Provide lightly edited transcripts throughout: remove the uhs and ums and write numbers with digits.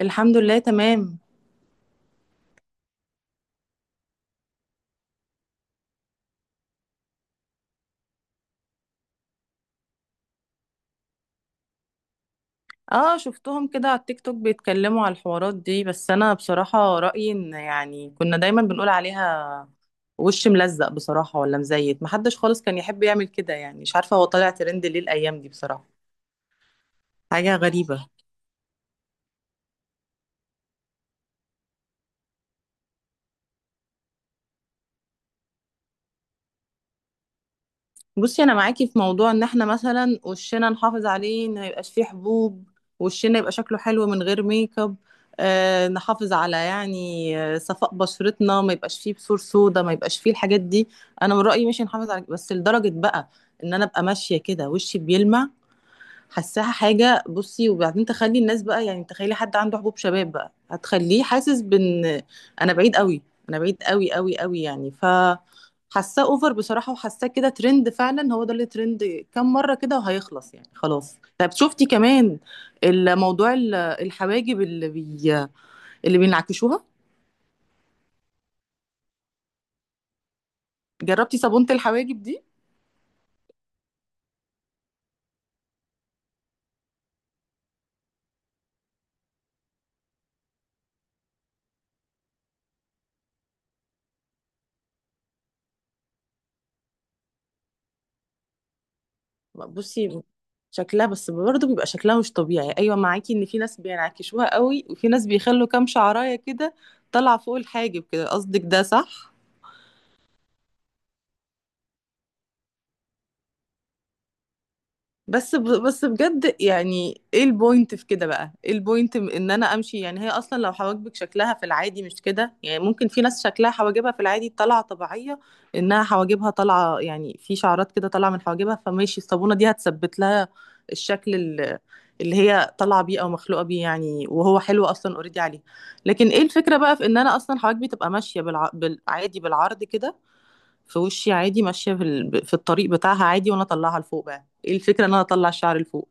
الحمد لله تمام. اه شفتهم كده على التيك توك بيتكلموا على الحوارات دي، بس انا بصراحة رأيي ان يعني كنا دايما بنقول عليها وش ملزق بصراحة ولا مزيت، محدش خالص كان يحب يعمل كده، يعني مش عارفة هو طالع ترند ليه الايام دي بصراحة، حاجة غريبة. بصي انا معاكي في موضوع ان احنا مثلا وشنا نحافظ عليه ان ما يبقاش فيه حبوب، وشنا يبقى شكله حلو من غير ميك اب، آه نحافظ على يعني صفاء بشرتنا، ما يبقاش فيه بثور سودا، ما يبقاش فيه الحاجات دي. انا من رأيي مش نحافظ على بس لدرجة بقى ان انا ابقى ماشية كده وشي بيلمع، حاساها حاجة. بصي وبعدين تخلي الناس بقى يعني تخيلي حد عنده حبوب شباب بقى هتخليه حاسس بان انا بعيد قوي انا بعيد قوي قوي قوي، يعني ف حاساه اوفر بصراحة، وحاساه كده ترند فعلا، هو ده اللي ترند كام مرة كده وهيخلص يعني خلاص. طب شفتي كمان الموضوع الحواجب اللي بينعكشوها، جربتي صابونة الحواجب دي؟ بصي شكلها بس برضه بيبقى شكلها مش طبيعي، ايوه معاكي ان في ناس بينعكشوها قوي وفي ناس بيخلوا كام شعرايه كده طالعه فوق الحاجب كده، قصدك ده صح؟ بس بجد يعني ايه البوينت في كده، بقى ايه البوينت ان انا امشي يعني، هي اصلا لو حواجبك شكلها في العادي مش كده، يعني ممكن في ناس شكلها حواجبها في العادي طالعه طبيعيه انها حواجبها طالعه، يعني في شعرات كده طالعه من حواجبها، فماشي الصابونه دي هتثبت لها الشكل اللي هي طالعه بيه او مخلوقه بيه يعني، وهو حلو اصلا اوريدي عليه. لكن ايه الفكره بقى في ان انا اصلا حواجبي تبقى ماشيه بالعادي بالعرض كده في وشي عادي، ماشيه في في الطريق بتاعها عادي، وانا اطلعها لفوق، بقى ايه الفكره ان انا اطلع الشعر لفوق؟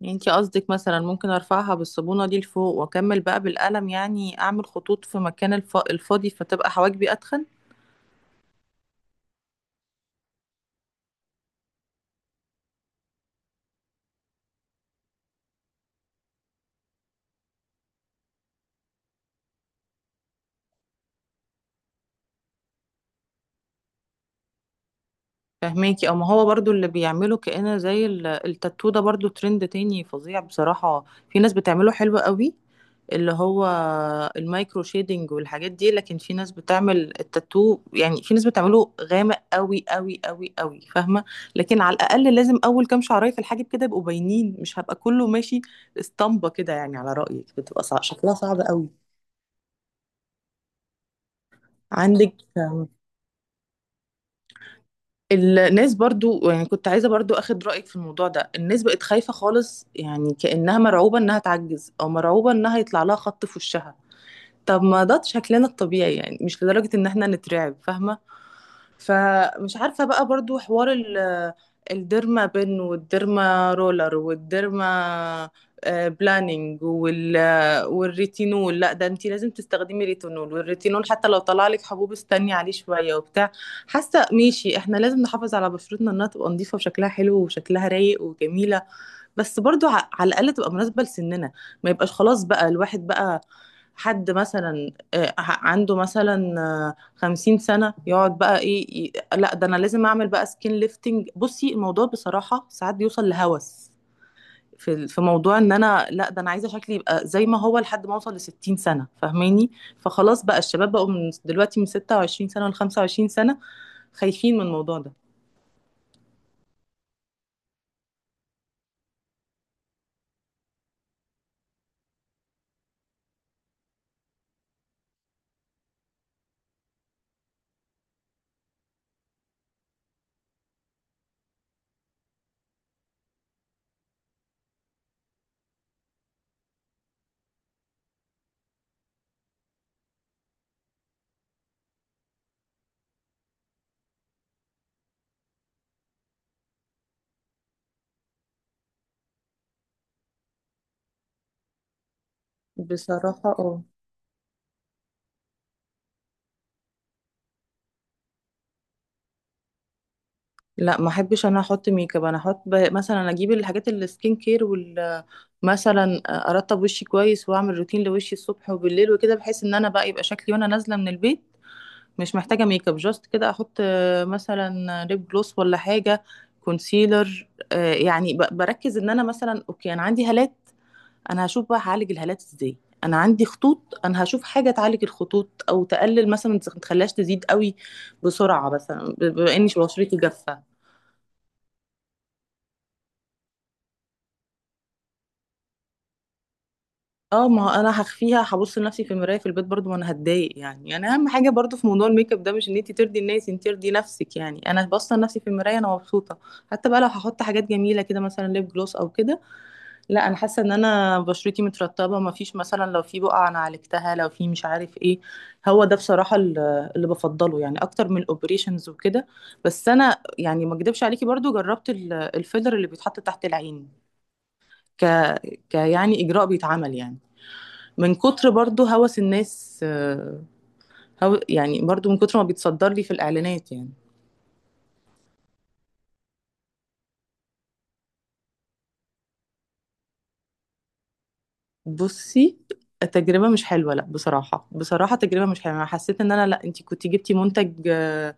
يعني انتي قصدك مثلا ممكن ارفعها بالصابونه دي لفوق واكمل بقى بالقلم، يعني اعمل خطوط في مكان الفاضي فتبقى حواجبي اتخن؟ فهماكي؟ او ما هو برضو اللي بيعمله كأنه زي التاتو ده، برضو ترند تاني فظيع بصراحه، في ناس بتعمله حلو قوي، اللي هو المايكرو شيدنج والحاجات دي، لكن في ناس بتعمل التاتو يعني، في ناس بتعمله غامق قوي قوي قوي قوي، فاهمه؟ لكن على الاقل لازم اول كام شعرايه في الحاجب كده يبقوا باينين، مش هبقى كله ماشي اسطمبه كده، يعني على رايك بتبقى شكلها صعب قوي. عندك الناس برضو يعني كنت عايزه برضو اخد رايك في الموضوع ده، الناس بقت خايفه خالص، يعني كانها مرعوبه انها تعجز او مرعوبه انها يطلع لها خط في وشها، طب ما ده شكلنا الطبيعي يعني، مش لدرجه ان احنا نترعب، فاهمه؟ فمش عارفة بقى برضو حوار الديرما بن والديرما رولر والديرما بلانينج وال آه، والريتينول، لا ده انتي لازم تستخدمي ريتينول، والريتينول حتى لو طلع لك حبوب استني عليه شوية وبتاع، حاسة ماشي احنا لازم نحافظ على بشرتنا انها تبقى نظيفة وشكلها حلو وشكلها رايق وجميلة، بس برضو على الاقل تبقى مناسبه لسننا، ما يبقاش خلاص بقى الواحد بقى حد مثلا عنده مثلا 50 سنة يقعد بقى ايه لا ده انا لازم اعمل بقى سكين ليفتنج. بصي الموضوع بصراحة ساعات بيوصل لهوس في في موضوع ان انا لا ده انا عايزة شكلي يبقى زي ما هو لحد ما اوصل لستين سنة، فاهماني؟ فخلاص بقى الشباب بقوا من دلوقتي من 26 سنة لخمسة وعشرين سنة خايفين من الموضوع ده بصراحة. اه لا ما احبش انا احط ميك اب، انا احط مثلا اجيب الحاجات السكين كير وال مثلا ارطب وشي كويس واعمل روتين لوشي الصبح وبالليل وكده، بحيث ان انا بقى يبقى شكلي وانا نازله من البيت مش محتاجه ميك اب، جاست كده احط مثلا ليب جلوس ولا حاجه، كونسيلر، يعني بركز ان انا مثلا اوكي انا عندي هالات، انا هشوف بقى هعالج الهالات ازاي، انا عندي خطوط انا هشوف حاجه تعالج الخطوط او تقلل مثلا ما تخليهاش تزيد قوي بسرعه، مثلا بما اني بشرتي جافه. اه ما هو انا هخفيها هبص لنفسي في المرايه في البيت برضو، ما انا هتضايق يعني، يعني اهم حاجه برضو في موضوع الميك اب ده مش ان انت ترضي الناس، انت ترضي نفسك، يعني انا باصه لنفسي في المرايه انا مبسوطه، حتى بقى لو هحط حاجات جميله كده مثلا ليب جلوس او كده، لا انا حاسه ان انا بشرتي مترطبه ما فيش مثلا، لو في بقع انا عالجتها، لو في مش عارف ايه، هو ده بصراحه اللي بفضله يعني اكتر من الاوبريشنز وكده. بس انا يعني ما اكدبش عليكي، برضو جربت الفيلر اللي بيتحط تحت العين، ك... ك يعني اجراء بيتعمل يعني من كتر برضو هوس الناس، هو يعني برضو من كتر ما بيتصدر لي في الإعلانات يعني. بصي التجربة مش حلوة، لا بصراحة بصراحة تجربة مش حلوة، أنا حسيت إن أنا لا، أنت كنت جبتي منتج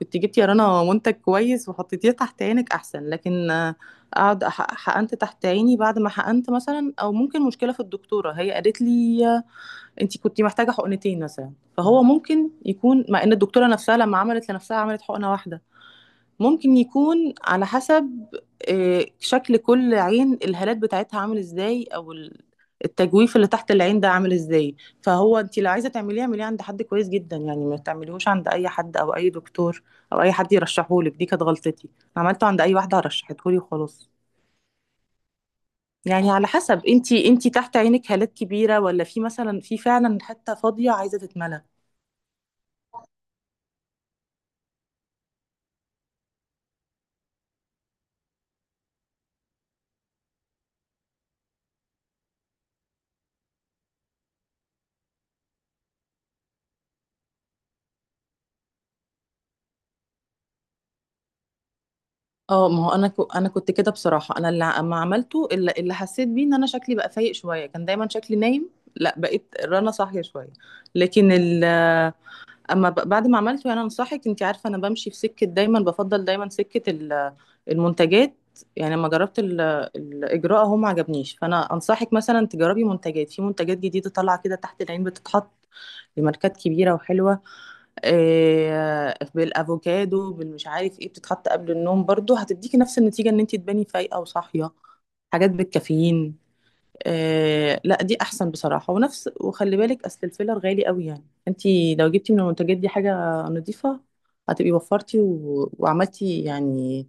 كنت جبتي يا رنا منتج كويس وحطيتيه تحت عينك أحسن، لكن أقعد حقنت تحت عيني، بعد ما حقنت مثلا أو ممكن مشكلة في الدكتورة، هي قالت لي أنت كنت محتاجة حقنتين مثلا، فهو ممكن يكون مع إن الدكتورة نفسها لما عملت لنفسها عملت حقنة واحدة، ممكن يكون على حسب شكل كل عين الهالات بتاعتها عامل ازاي او التجويف اللي تحت العين ده عامل ازاي. فهو انت لو عايزه تعمليه، اعمليه عند حد كويس جدا، يعني ما تعمليهوش عند اي حد او اي دكتور او اي حد يرشحهولك، دي كانت غلطتي، عملته عند اي واحده رشحتهولي وخلاص. يعني على حسب انت، انت تحت عينك هالات كبيره ولا في مثلا في فعلا حته فاضيه عايزه تتملى. اه ما هو انا كنت كده بصراحه، انا اللي ما عملته اللي حسيت بيه ان انا شكلي بقى فايق شويه، كان دايما شكلي نايم، لا بقيت رنا صاحيه شويه، لكن ال اما بعد ما عملته يعني انا صاحيه، انت عارفه انا بمشي في سكه دايما، بفضل دايما سكه المنتجات، يعني لما جربت الاجراء هو ما عجبنيش، فانا انصحك مثلا تجربي منتجات، في منتجات جديده طالعه كده تحت العين بتتحط لماركات كبيره وحلوه، بالافوكادو بالمش عارف ايه بتتحط قبل النوم، برضو هتديكي نفس النتيجه ان انت تباني فايقه وصاحيه، حاجات بالكافيين. آه لا دي احسن بصراحه ونفس، وخلي بالك اصل الفيلر غالي قوي، يعني انت لو جبتي من المنتجات دي حاجه نظيفه هتبقي وفرتي وعملتي يعني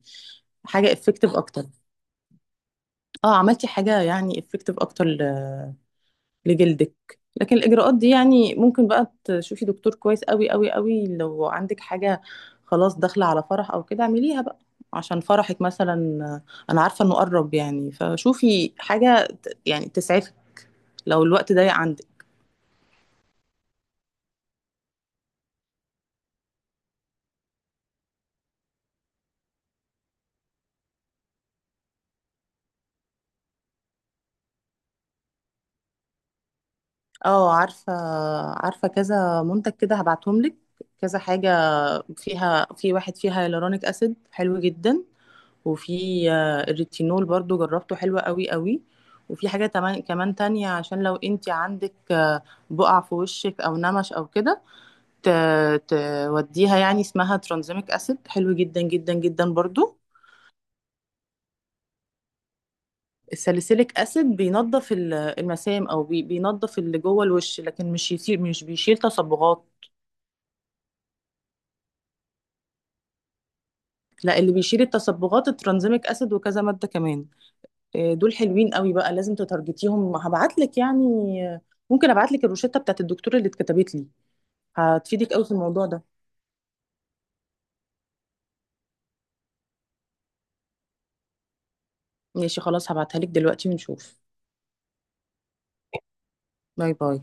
حاجه افكتيف اكتر، اه عملتي حاجه يعني افكتيف اكتر لجلدك. لكن الإجراءات دي يعني ممكن بقى تشوفي دكتور كويس قوي قوي قوي، لو عندك حاجة خلاص داخلة على فرح أو كده اعمليها بقى عشان فرحك مثلا، أنا عارفة إنه قرب، يعني فشوفي حاجة يعني تسعفك لو الوقت ضيق عندك. اه عارفة، عارفة كذا منتج كده هبعتهم لك، كذا حاجة فيها، في واحد فيها هيالورونيك أسيد حلو جدا، وفي الريتينول برضو جربته حلو قوي قوي، وفي حاجة كمان تانية عشان لو انت عندك بقع في وشك او نمش او كده، توديها يعني، اسمها ترانزيميك اسيد حلو جدا جدا جدا برضو. الساليسيليك اسيد بينظف المسام او بينظف اللي جوه الوش، لكن مش يصير مش بيشيل تصبغات، لا اللي بيشيل التصبغات الترانزيميك اسيد وكذا مادة كمان، دول حلوين قوي بقى لازم تتارجتيهم، هبعت لك يعني آه، ممكن ابعت لك الروشته بتاعت الدكتور اللي اتكتبت لي، هتفيدك قوي في الموضوع ده. ماشي خلاص هبعتها لك دلوقتي ونشوف. باي باي.